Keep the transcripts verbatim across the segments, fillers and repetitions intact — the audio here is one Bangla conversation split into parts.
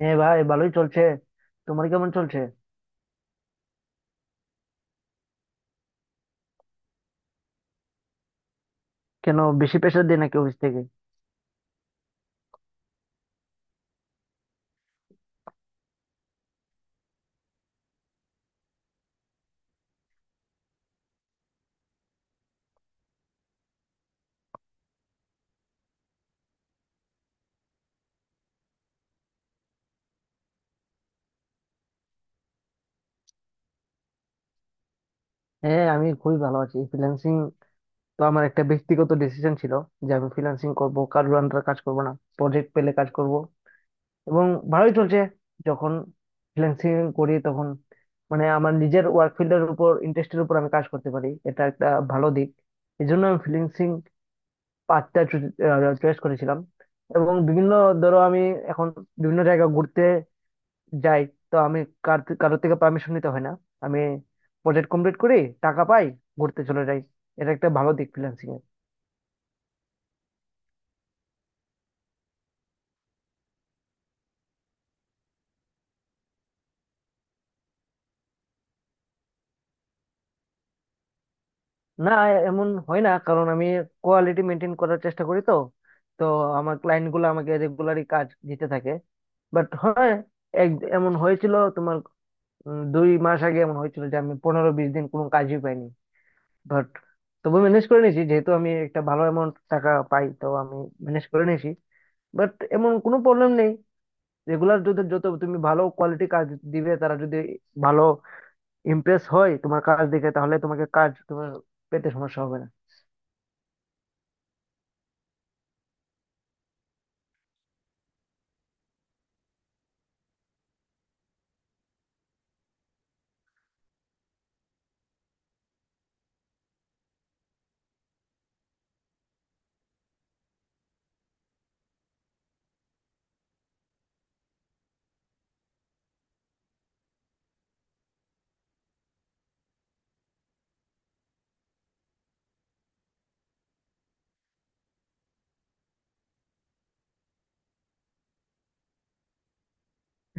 হ্যাঁ ভাই, ভালোই চলছে। তোমার কেমন চলছে? কেন, বেশি প্রেশার দেয় নাকি অফিস থেকে? হ্যাঁ, আমি খুবই ভালো আছি। ফ্রিল্যান্সিং তো আমার একটা ব্যক্তিগত ডিসিশন ছিল যে আমি ফ্রিল্যান্সিং করব, কারোর আন্ডারে কাজ করব না। প্রজেক্ট পেলে কাজ করব, এবং ভালোই চলছে। যখন ফ্রিল্যান্সিং করি তখন মানে আমার নিজের ওয়ার্ক ফিল্ডের উপর, ইন্টারেস্টের উপর আমি কাজ করতে পারি, এটা একটা ভালো দিক। এই জন্য আমি ফ্রিল্যান্সিং পাঁচটা চয়েস করেছিলাম। এবং বিভিন্ন, ধরো আমি এখন বিভিন্ন জায়গা ঘুরতে যাই, তো আমি কার কারোর থেকে পারমিশন নিতে হয় না। আমি প্রজেক্ট কমপ্লিট করি, টাকা পাই, ঘুরতে চলে যাই। এটা একটা ভালো দিক ফ্রিল্যান্সিং এর। না, এমন হয় না, কারণ আমি কোয়ালিটি মেনটেন করার চেষ্টা করি, তো তো আমার ক্লায়েন্ট গুলো আমাকে রেগুলারই কাজ দিতে থাকে। বাট হ্যাঁ, এক এমন হয়েছিল, তোমার উম, দুই মাস আগে এমন হয়েছিল যে আমি পনেরো বিশ দিন কোনো কাজই পাইনি। বাট তবু ম্যানেজ করে নিয়েছি, যেহেতু আমি একটা ভালো অ্যামাউন্ট টাকা পাই, তো আমি ম্যানেজ করে নিয়েছি। বাট এমন কোনো প্রবলেম নেই, রেগুলার যদি যত তুমি ভালো কোয়ালিটি কাজ দিবে, তারা যদি ভালো ইমপ্রেস হয় তোমার কাজ দেখে, তাহলে তোমাকে কাজ তোমার পেতে সমস্যা হবে না।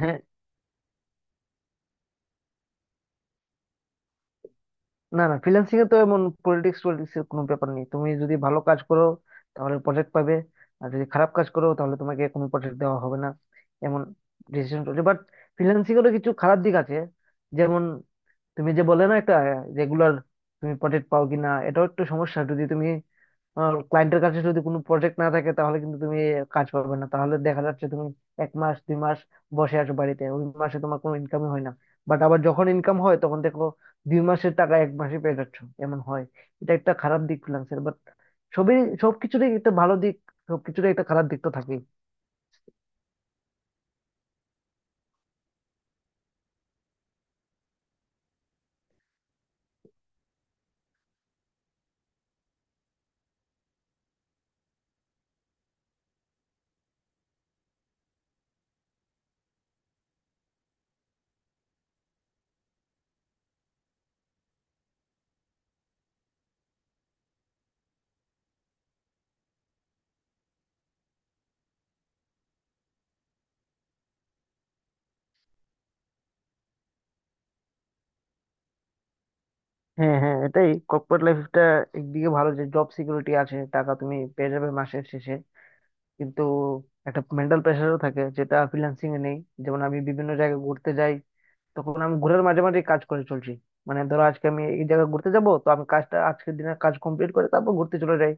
হ্যাঁ। না না, ফ্রিল্যান্সিং এ তো এমন পলিটিক্স পলিটিক্স এর কোনো ব্যাপার নেই। তুমি যদি ভালো কাজ করো তাহলে প্রজেক্ট পাবে, আর যদি খারাপ কাজ করো তাহলে তোমাকে কোনো প্রজেক্ট দেওয়া হবে না। এমন ডিসিশন চলছে। বাট ফ্রিল্যান্সিং এরও কিছু খারাপ দিক আছে, যেমন তুমি যে বলে না, একটা রেগুলার তুমি প্রজেক্ট পাও কিনা, এটাও একটু সমস্যা। যদি তুমি ক্লায়েন্টের কাছে যদি কোনো প্রজেক্ট না থাকে তাহলে কিন্তু তুমি কাজ পাবে না, তাহলে দেখা যাচ্ছে তুমি এক মাস দুই মাস বসে আছো বাড়িতে, ওই মাসে তোমার কোনো ইনকামই হয় না। বাট আবার যখন ইনকাম হয় তখন দেখো দুই মাসের টাকা এক মাসে পেয়ে যাচ্ছ, এমন হয়। এটা একটা খারাপ দিক ফ্রিল্যান্সের। বাট সবই, সবকিছুরই একটা ভালো দিক, সবকিছুরই একটা খারাপ দিক তো থাকেই। হ্যাঁ হ্যাঁ, এটাই কর্পোরেট লাইফটা, একদিকে ভালো যে জব সিকিউরিটি আছে, টাকা তুমি পেয়ে যাবে মাসের শেষে, কিন্তু একটা মেন্টাল প্রেশারও থাকে যেটা ফ্রিল্যান্সিং এ নেই। যেমন আমি বিভিন্ন জায়গায় ঘুরতে যাই, তখন আমি ঘোরের মাঝে মাঝে কাজ করে চলছি। মানে ধরো আজকে আমি এই জায়গায় ঘুরতে যাব, তো আমি কাজটা আজকের দিনের কাজ কমপ্লিট করে তারপর ঘুরতে চলে যাই।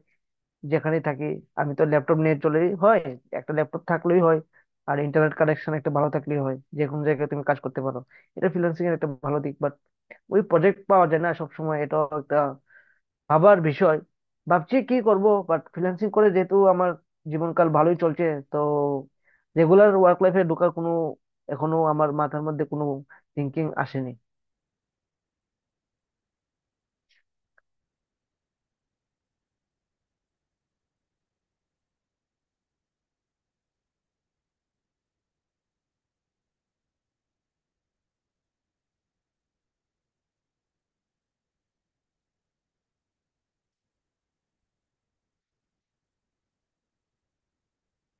যেখানেই থাকি, আমি তো ল্যাপটপ নিয়ে চলেই হয়, একটা ল্যাপটপ থাকলেই হয়, আর ইন্টারনেট কানেকশন একটা ভালো থাকলেই হয়, যে কোনো জায়গায় তুমি কাজ করতে পারো। এটা ফ্রিল্যান্সিং এর একটা ভালো দিক। বাট ওই প্রজেক্ট পাওয়া যায় না সবসময়, এটা একটা ভাবার বিষয়, ভাবছি কি করব। বাট ফ্রিল্যান্সিং করে যেহেতু আমার জীবনকাল ভালোই চলছে, তো রেগুলার ওয়ার্ক লাইফে ঢোকার কোনো, এখনো আমার মাথার মধ্যে কোনো থিঙ্কিং আসেনি।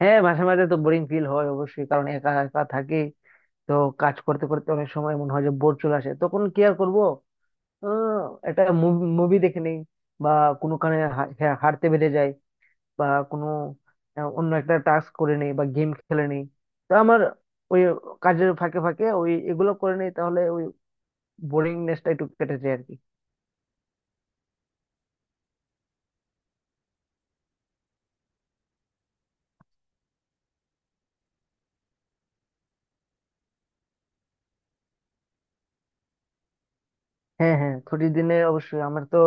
হ্যাঁ, মাঝে মাঝে তো বোরিং ফিল হয় অবশ্যই, কারণ একা একা থাকি, তো কাজ করতে করতে অনেক সময় মনে হয় যে বোর চলে আসে, তখন কি আর করবো, আহ, একটা মুভি দেখে নেই, বা কোনো কারণে হা- হ্যাঁ, হাঁটতে বেড়ে যায়, বা কোনো আহ, অন্য একটা টাস্ক করে নেই, বা গেম খেলে নেই। তো আমার ওই কাজের ফাঁকে ফাঁকে ওই এগুলো করে নেই, তাহলে ওই বোরিংনেসটা একটু কেটে যায় আর কি। হ্যাঁ হ্যাঁ, ছুটির দিনে অবশ্যই আমার তো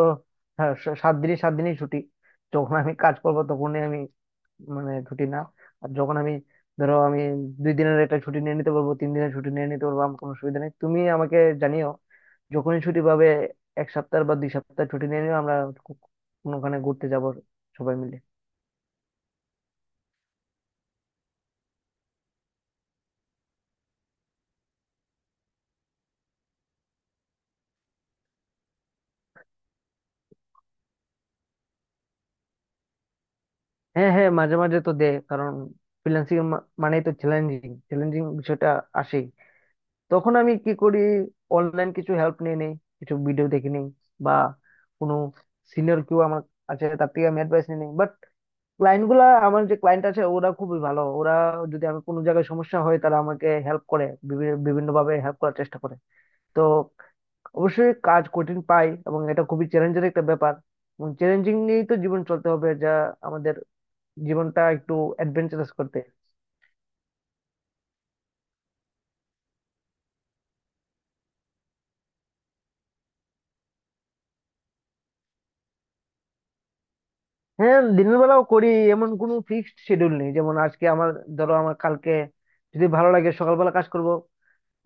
হ্যাঁ, স- সাত দিনই সাত দিনই ছুটি। যখন আমি কাজ করবো তখনই আমি, মানে ছুটি না। আর যখন আমি, ধরো আমি দুই দিনের একটা ছুটি নিয়ে নিতে পারবো, তিন দিনের ছুটি নিয়ে নিতে পারবো, আমার কোনো অসুবিধা নেই। তুমি আমাকে জানিও, যখনই ছুটি পাবে এক সপ্তাহ বা দুই সপ্তাহ ছুটি নিয়ে নিও, আমরা কো- কোনোখানে ঘুরতে যাব সবাই মিলে। হ্যাঁ হ্যাঁ, মাঝে মাঝে তো দে, কারণ ফ্রিল্যান্সিং মানেই তো চ্যালেঞ্জিং, চ্যালেঞ্জিং বিষয়টা আসেই। তখন আমি কি করি, অনলাইন কিছু হেল্প নিয়ে নিই, কিছু ভিডিও দেখে নিই, বা কোনো সিনিয়র কেউ আমার আছে তার থেকে আমি অ্যাডভাইস নিয়ে নিই। ক্লায়েন্ট গুলা আমার যে ক্লায়েন্ট আছে ওরা খুবই ভালো, ওরা যদি আমি কোনো জায়গায় সমস্যা হয় তারা আমাকে হেল্প করে, বিভিন্ন ভাবে হেল্প করার চেষ্টা করে। তো অবশ্যই কাজ কঠিন পাই, এবং এটা খুবই চ্যালেঞ্জের একটা ব্যাপার। এবং চ্যালেঞ্জিং নিয়েই তো জীবন চলতে হবে, যা আমাদের জীবনটা একটু অ্যাডভেঞ্চারাস করতে। হ্যাঁ, দিনের বেলাও করি। এমন কোনো ফিক্সড শিডিউল নেই, যেমন আজকে আমার, ধরো আমার কালকে যদি ভালো লাগে সকালবেলা কাজ করব,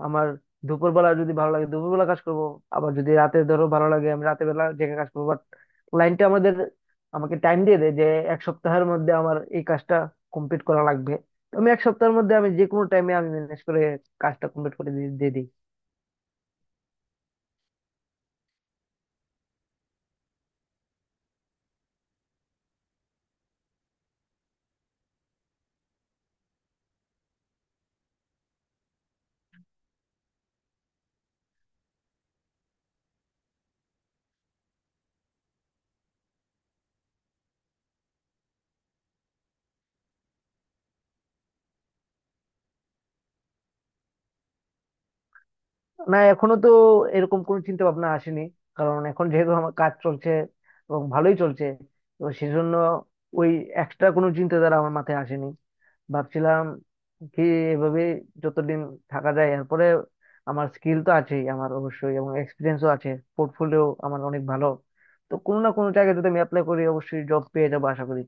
আমার দুপুরবেলা যদি ভালো লাগে দুপুরবেলা কাজ করব, আবার যদি রাতে ধরো ভালো লাগে আমি রাতের বেলা জেগে কাজ করবো। বাট ক্লায়েন্টটা আমাদের, আমাকে টাইম দিয়ে দেয় যে এক সপ্তাহের মধ্যে আমার এই কাজটা কমপ্লিট করা লাগবে, তো আমি এক সপ্তাহের মধ্যে আমি যে কোনো টাইমে আমি ম্যানেজ করে কাজটা কমপ্লিট করে দিয়ে দিয়ে দিই। না এখনো তো এরকম কোনো চিন্তা ভাবনা আসেনি, কারণ এখন যেহেতু আমার কাজ চলছে এবং ভালোই চলছে, তো সেজন্য ওই এক্সট্রা কোনো চিন্তাধারা আমার মাথায় আসেনি। ভাবছিলাম কি, এভাবে যতদিন থাকা যায়, এরপরে আমার স্কিল তো আছেই আমার অবশ্যই, এবং এক্সপিরিয়েন্সও আছে, পোর্টফোলিও আমার অনেক ভালো, তো কোনো না কোনো জায়গায় যদি আমি অ্যাপ্লাই করি অবশ্যই জব পেয়ে যাবো আশা করি।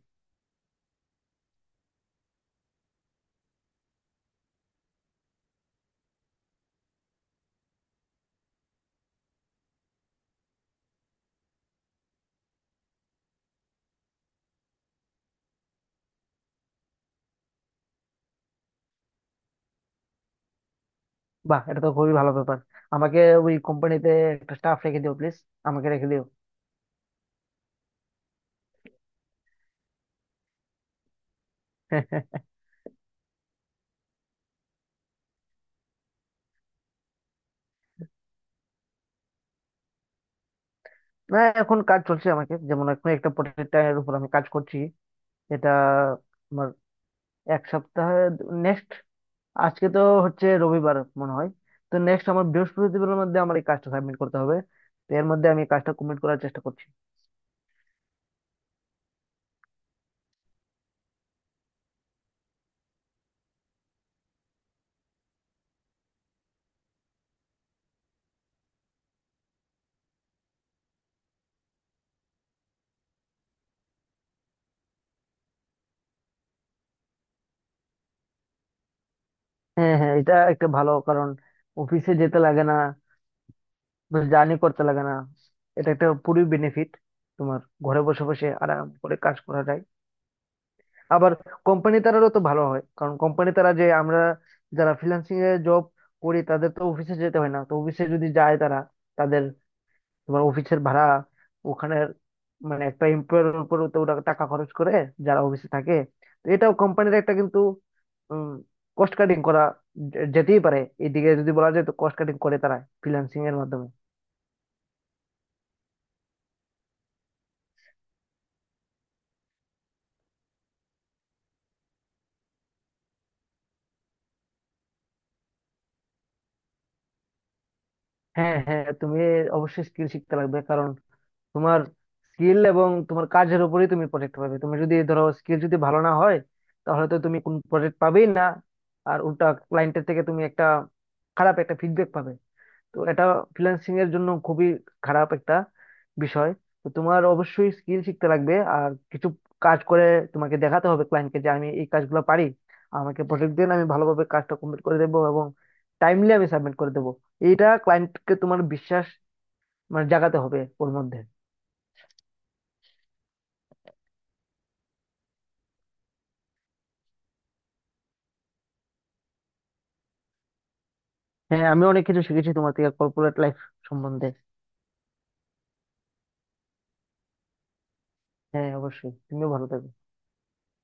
বাহ, এটা তো খুবই ভালো ব্যাপার। আমাকে ওই কোম্পানিতে একটা স্টাফ রেখে দিও প্লিজ, আমাকে রেখে দিও। না, এখন কাজ চলছে, আমাকে যেমন এখন একটা প্রোডাক্টের উপর আমি কাজ করছি। এটা আমার এক সপ্তাহে, নেক্সট, আজকে তো হচ্ছে রবিবার মনে হয়, তো নেক্সট আমার বৃহস্পতিবারের মধ্যে আমার এই কাজটা সাবমিট করতে হবে, তো এর মধ্যে আমি কাজটা কমপ্লিট করার চেষ্টা করছি। হ্যাঁ হ্যাঁ, এটা একটা ভালো কারণ, অফিসে যেতে লাগে না, জার্নি করতে লাগে না, এটা একটা পুরো বেনিফিট তোমার, ঘরে বসে বসে আরাম করে কাজ করা যায়। আবার কোম্পানি তারারও তো ভালো হয়, কারণ কোম্পানি তারা, যে আমরা যারা ফ্রিল্যান্সিং এ জব করি তাদের তো অফিসে যেতে হয় না, তো অফিসে যদি যায় তারা, তাদের তোমার অফিসের ভাড়া ওখানে, মানে একটা এমপ্লয়ের উপর তো ওরা টাকা খরচ করে যারা অফিসে থাকে। তো এটাও কোম্পানির একটা কিন্তু কস্ট কাটিং করা যে- যেতেই পারে, এদিকে যদি বলা যায়, তো কস্ট কাটিং করে তারা ফ্রিল্যান্সিং এর মাধ্যমে। হ্যাঁ হ্যাঁ, তুমি অবশ্যই স্কিল শিখতে লাগবে, কারণ তোমার স্কিল এবং তোমার কাজের উপরেই তুমি প্রজেক্ট পাবে। তুমি যদি ধরো স্কিল যদি ভালো না হয়, তাহলে তো তুমি কোন প্রজেক্ট পাবেই না, আর উল্টা ক্লায়েন্টের থেকে তুমি একটা খারাপ একটা ফিডব্যাক পাবে। তো এটা ফ্রিল্যান্সিং এর জন্য খুবই খারাপ একটা বিষয়। তো তোমার অবশ্যই স্কিল শিখতে লাগবে, আর কিছু কাজ করে তোমাকে দেখাতে হবে ক্লায়েন্টকে, যে আমি এই কাজগুলো পারি, আমাকে প্রজেক্ট দিন, আমি ভালোভাবে কাজটা কমপ্লিট করে দেবো এবং টাইমলি আমি সাবমিট করে দেবো। এইটা ক্লায়েন্টকে তোমার বিশ্বাস, মানে জাগাতে হবে ওর মধ্যে। হ্যাঁ, আমি অনেক কিছু শিখেছি তোমার থেকে কর্পোরেট লাইফ সম্বন্ধে। হ্যাঁ অবশ্যই, তুমিও ভালো থাকবে।